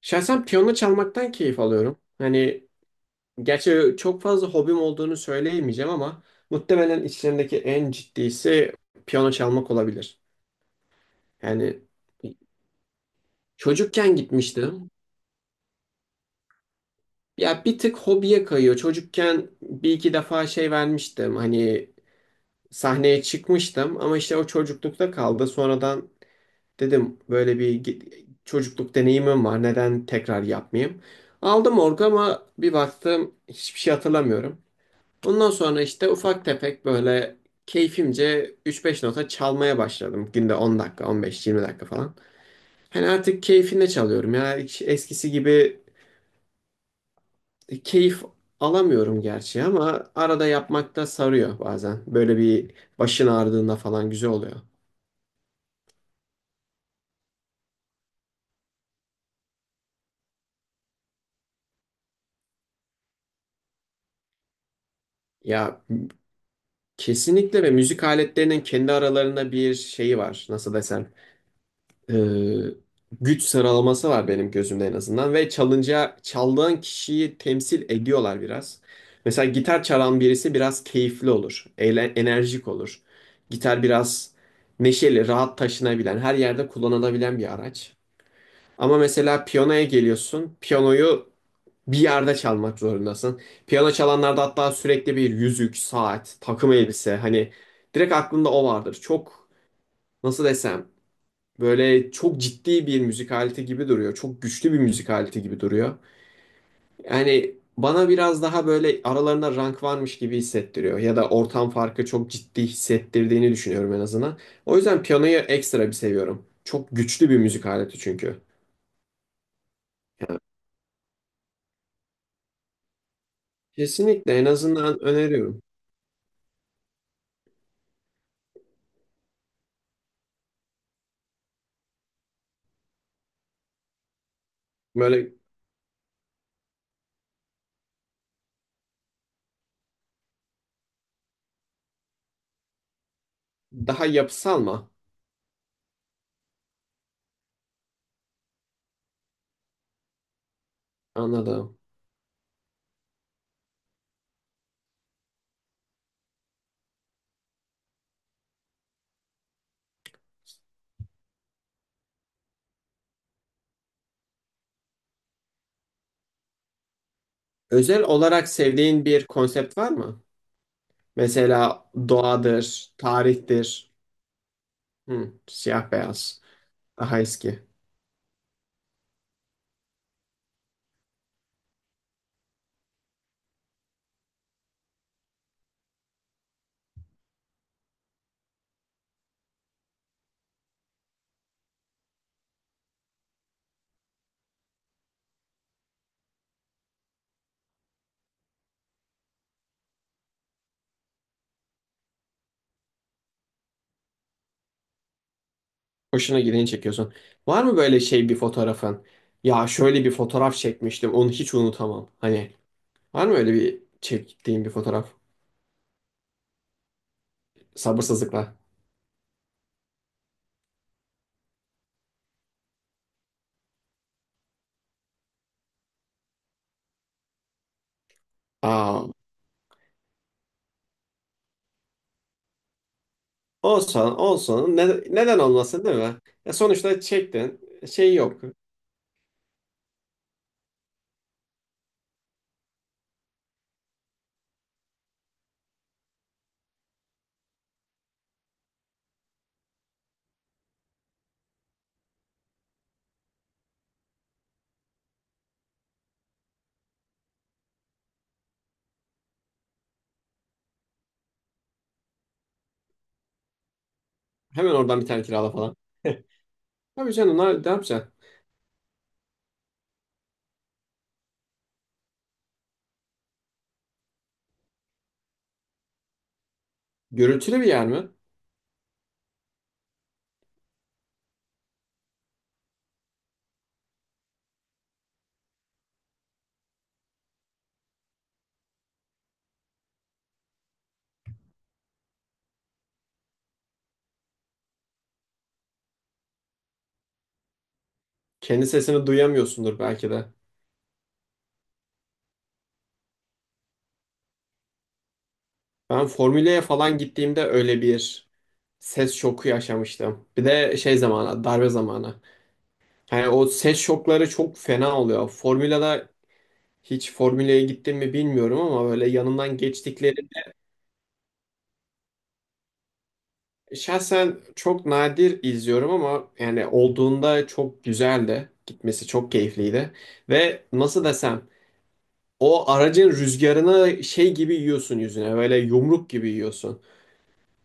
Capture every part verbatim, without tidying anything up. Şahsen piyano çalmaktan keyif alıyorum. Hani gerçi çok fazla hobim olduğunu söyleyemeyeceğim ama muhtemelen içlerindeki en ciddisi piyano çalmak olabilir. Yani çocukken gitmiştim. Ya bir tık hobiye kayıyor. Çocukken bir iki defa şey vermiştim. Hani sahneye çıkmıştım ama işte o çocuklukta kaldı. Sonradan dedim böyle bir gi- çocukluk deneyimim var. Neden tekrar yapmayayım? Aldım orgu ama bir baktım hiçbir şey hatırlamıyorum. Ondan sonra işte ufak tefek böyle keyfimce üç beş nota çalmaya başladım. Günde on dakika, on beş yirmi dakika falan. Hani artık keyfine çalıyorum ya. Hiç eskisi gibi keyif alamıyorum gerçi ama arada yapmak da sarıyor bazen. Böyle bir başın ağrıdığında falan güzel oluyor. Ya kesinlikle ve müzik aletlerinin kendi aralarında bir şeyi var. Nasıl desem? e, Güç sıralaması var benim gözümde en azından ve çalınca çaldığın kişiyi temsil ediyorlar biraz. Mesela gitar çalan birisi biraz keyifli olur, eğlen, enerjik olur. Gitar biraz neşeli, rahat taşınabilen, her yerde kullanılabilen bir araç. Ama mesela piyanoya geliyorsun, piyanoyu bir yerde çalmak zorundasın. Piyano çalanlarda hatta sürekli bir yüzük, saat, takım elbise hani direkt aklında o vardır. Çok, nasıl desem, böyle çok ciddi bir müzik aleti gibi duruyor. Çok güçlü bir müzik aleti gibi duruyor. Yani bana biraz daha böyle aralarında rank varmış gibi hissettiriyor. Ya da ortam farkı çok ciddi hissettirdiğini düşünüyorum en azından. O yüzden piyanoyu ekstra bir seviyorum. Çok güçlü bir müzik aleti çünkü. Yani kesinlikle en azından öneriyorum. Böyle daha yapısal mı? Anladım. Özel olarak sevdiğin bir konsept var mı? Mesela doğadır, tarihtir, hı, siyah beyaz, daha eski. Hoşuna gideni çekiyorsun. Var mı böyle şey bir fotoğrafın? Ya şöyle bir fotoğraf çekmiştim, onu hiç unutamam. Hani var mı öyle bir çektiğin bir fotoğraf? Sabırsızlıkla. Aa, olsun olsun. Ne- neden olmasın değil mi? Ya sonuçta çektin. Şey yok. Hemen oradan bir tane kirala falan. Tabii canım ne, ne yapacaksın? Gürültülü bir yer mi? Kendi sesini duyamıyorsundur belki de. Ben Formüla'ya falan gittiğimde öyle bir ses şoku yaşamıştım. Bir de şey zamanı, darbe zamanı. Yani o ses şokları çok fena oluyor. Formula'da hiç Formula'ya gittim mi bilmiyorum ama böyle yanından geçtikleri şahsen çok nadir izliyorum ama yani olduğunda çok güzeldi. Gitmesi çok keyifliydi. Ve nasıl desem o aracın rüzgarını şey gibi yiyorsun yüzüne. Böyle yumruk gibi yiyorsun.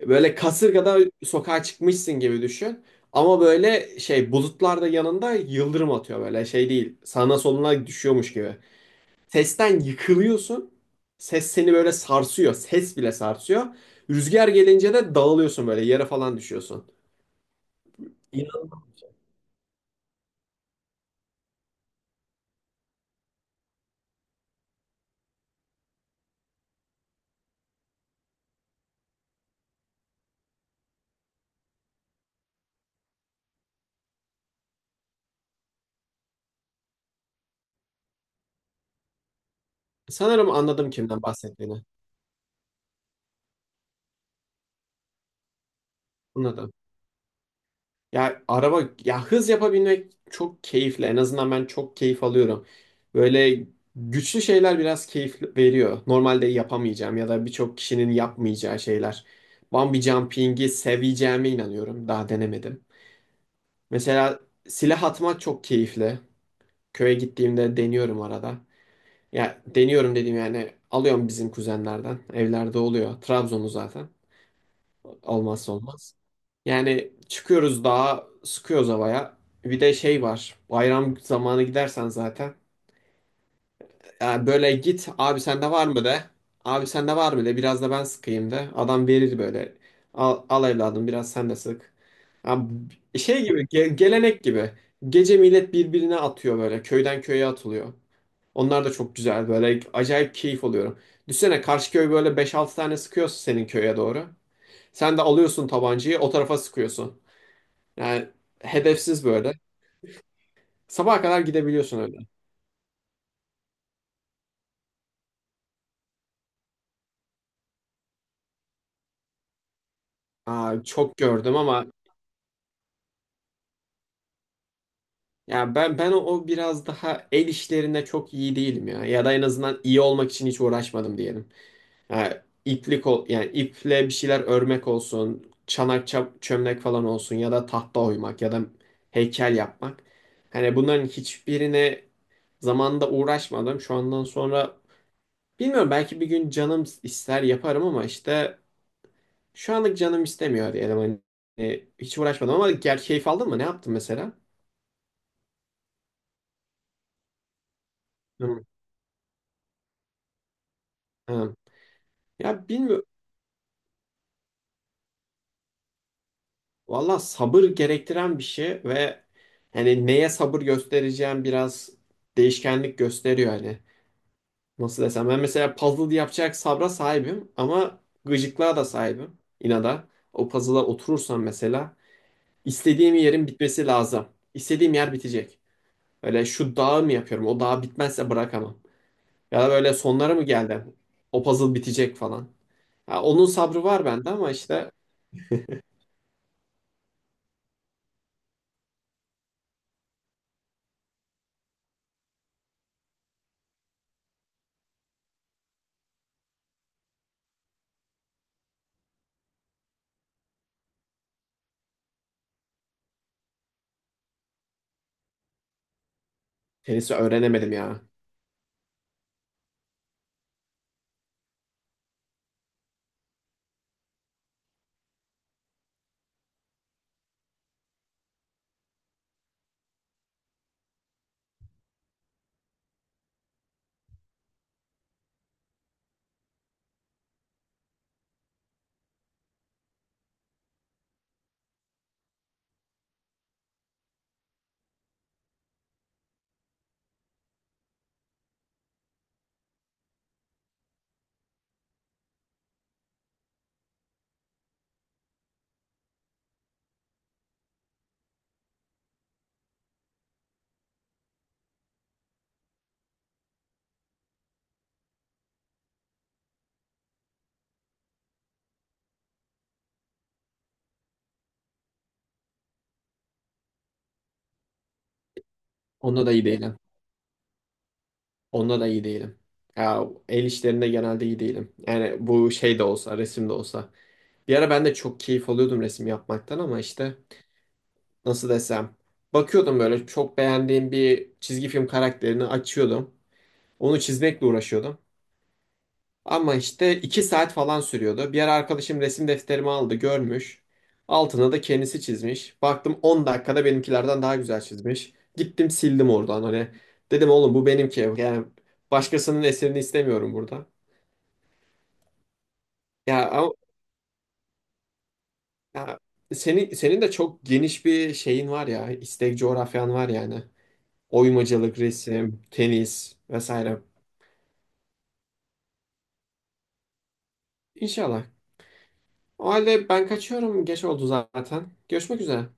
Böyle kasırgada sokağa çıkmışsın gibi düşün. Ama böyle şey bulutlar da yanında yıldırım atıyor böyle şey değil. Sağına soluna düşüyormuş gibi. Sesten yıkılıyorsun. Ses seni böyle sarsıyor. Ses bile sarsıyor. Rüzgar gelince de dağılıyorsun böyle yere falan düşüyorsun. Sanırım anladım kimden bahsettiğini. Anladım. Ya araba ya hız yapabilmek çok keyifli. En azından ben çok keyif alıyorum. Böyle güçlü şeyler biraz keyif veriyor. Normalde yapamayacağım ya da birçok kişinin yapmayacağı şeyler. Bungee jumping'i seveceğime inanıyorum. Daha denemedim. Mesela silah atmak çok keyifli. Köye gittiğimde deniyorum arada. Ya deniyorum dediğim yani alıyorum bizim kuzenlerden. Evlerde oluyor. Trabzon'u zaten. Olmazsa olmaz. Yani çıkıyoruz dağa, sıkıyoruz havaya. Bir de şey var. Bayram zamanı gidersen zaten. Yani böyle git abi sende var mı de. Abi sende var mı de biraz da ben sıkayım de. Adam verir böyle. Al, al evladım biraz sen de sık. Abi şey gibi ge- gelenek gibi. Gece millet birbirine atıyor böyle. Köyden köye atılıyor. Onlar da çok güzel böyle acayip keyif alıyorum. Düşsene karşı köy böyle beş altı tane sıkıyorsun senin köye doğru. Sen de alıyorsun tabancayı o tarafa sıkıyorsun. Yani hedefsiz böyle. Sabaha kadar gidebiliyorsun öyle. Aa, çok gördüm ama ya ben ben o, o biraz daha el işlerinde çok iyi değilim ya. Ya da en azından iyi olmak için hiç uğraşmadım diyelim. Yani iplik ol yani iple bir şeyler örmek olsun, çanak çap- çömlek falan olsun ya da tahta oymak ya da heykel yapmak. Hani bunların hiçbirine zamanında uğraşmadım. Şu andan sonra bilmiyorum belki bir gün canım ister yaparım ama işte şu anlık canım istemiyor diyelim hani. E, hiç uğraşmadım ama gel keyif aldın mı? Ne yaptın mesela? Hı, hı. Ya bilmiyorum. Valla sabır gerektiren bir şey ve hani neye sabır göstereceğim biraz değişkenlik gösteriyor hani. Nasıl desem ben mesela puzzle yapacak sabra sahibim ama gıcıklığa da sahibim inada. O puzzle'a oturursam mesela istediğim yerin bitmesi lazım. İstediğim yer bitecek. Öyle şu dağı mı yapıyorum? O dağ bitmezse bırakamam. Ya da böyle sonlara mı geldi? O puzzle bitecek falan. Ya onun sabrı var bende ama işte tenisi öğrenemedim ya. Onda da iyi değilim. Onda da iyi değilim. Ya el işlerinde genelde iyi değilim. Yani bu şey de olsa, resim de olsa. Bir ara ben de çok keyif alıyordum resim yapmaktan ama işte nasıl desem. Bakıyordum böyle çok beğendiğim bir çizgi film karakterini açıyordum. Onu çizmekle uğraşıyordum. Ama işte iki saat falan sürüyordu. Bir ara arkadaşım resim defterimi aldı, görmüş. Altına da kendisi çizmiş. Baktım on dakikada benimkilerden daha güzel çizmiş. Gittim sildim oradan hani. Dedim oğlum bu benimki. Yani başkasının eserini istemiyorum burada. Ya ama ya senin, senin de çok geniş bir şeyin var ya. İstek coğrafyan var yani. Oymacılık, resim, tenis vesaire. İnşallah. O halde ben kaçıyorum. Geç oldu zaten. Görüşmek üzere.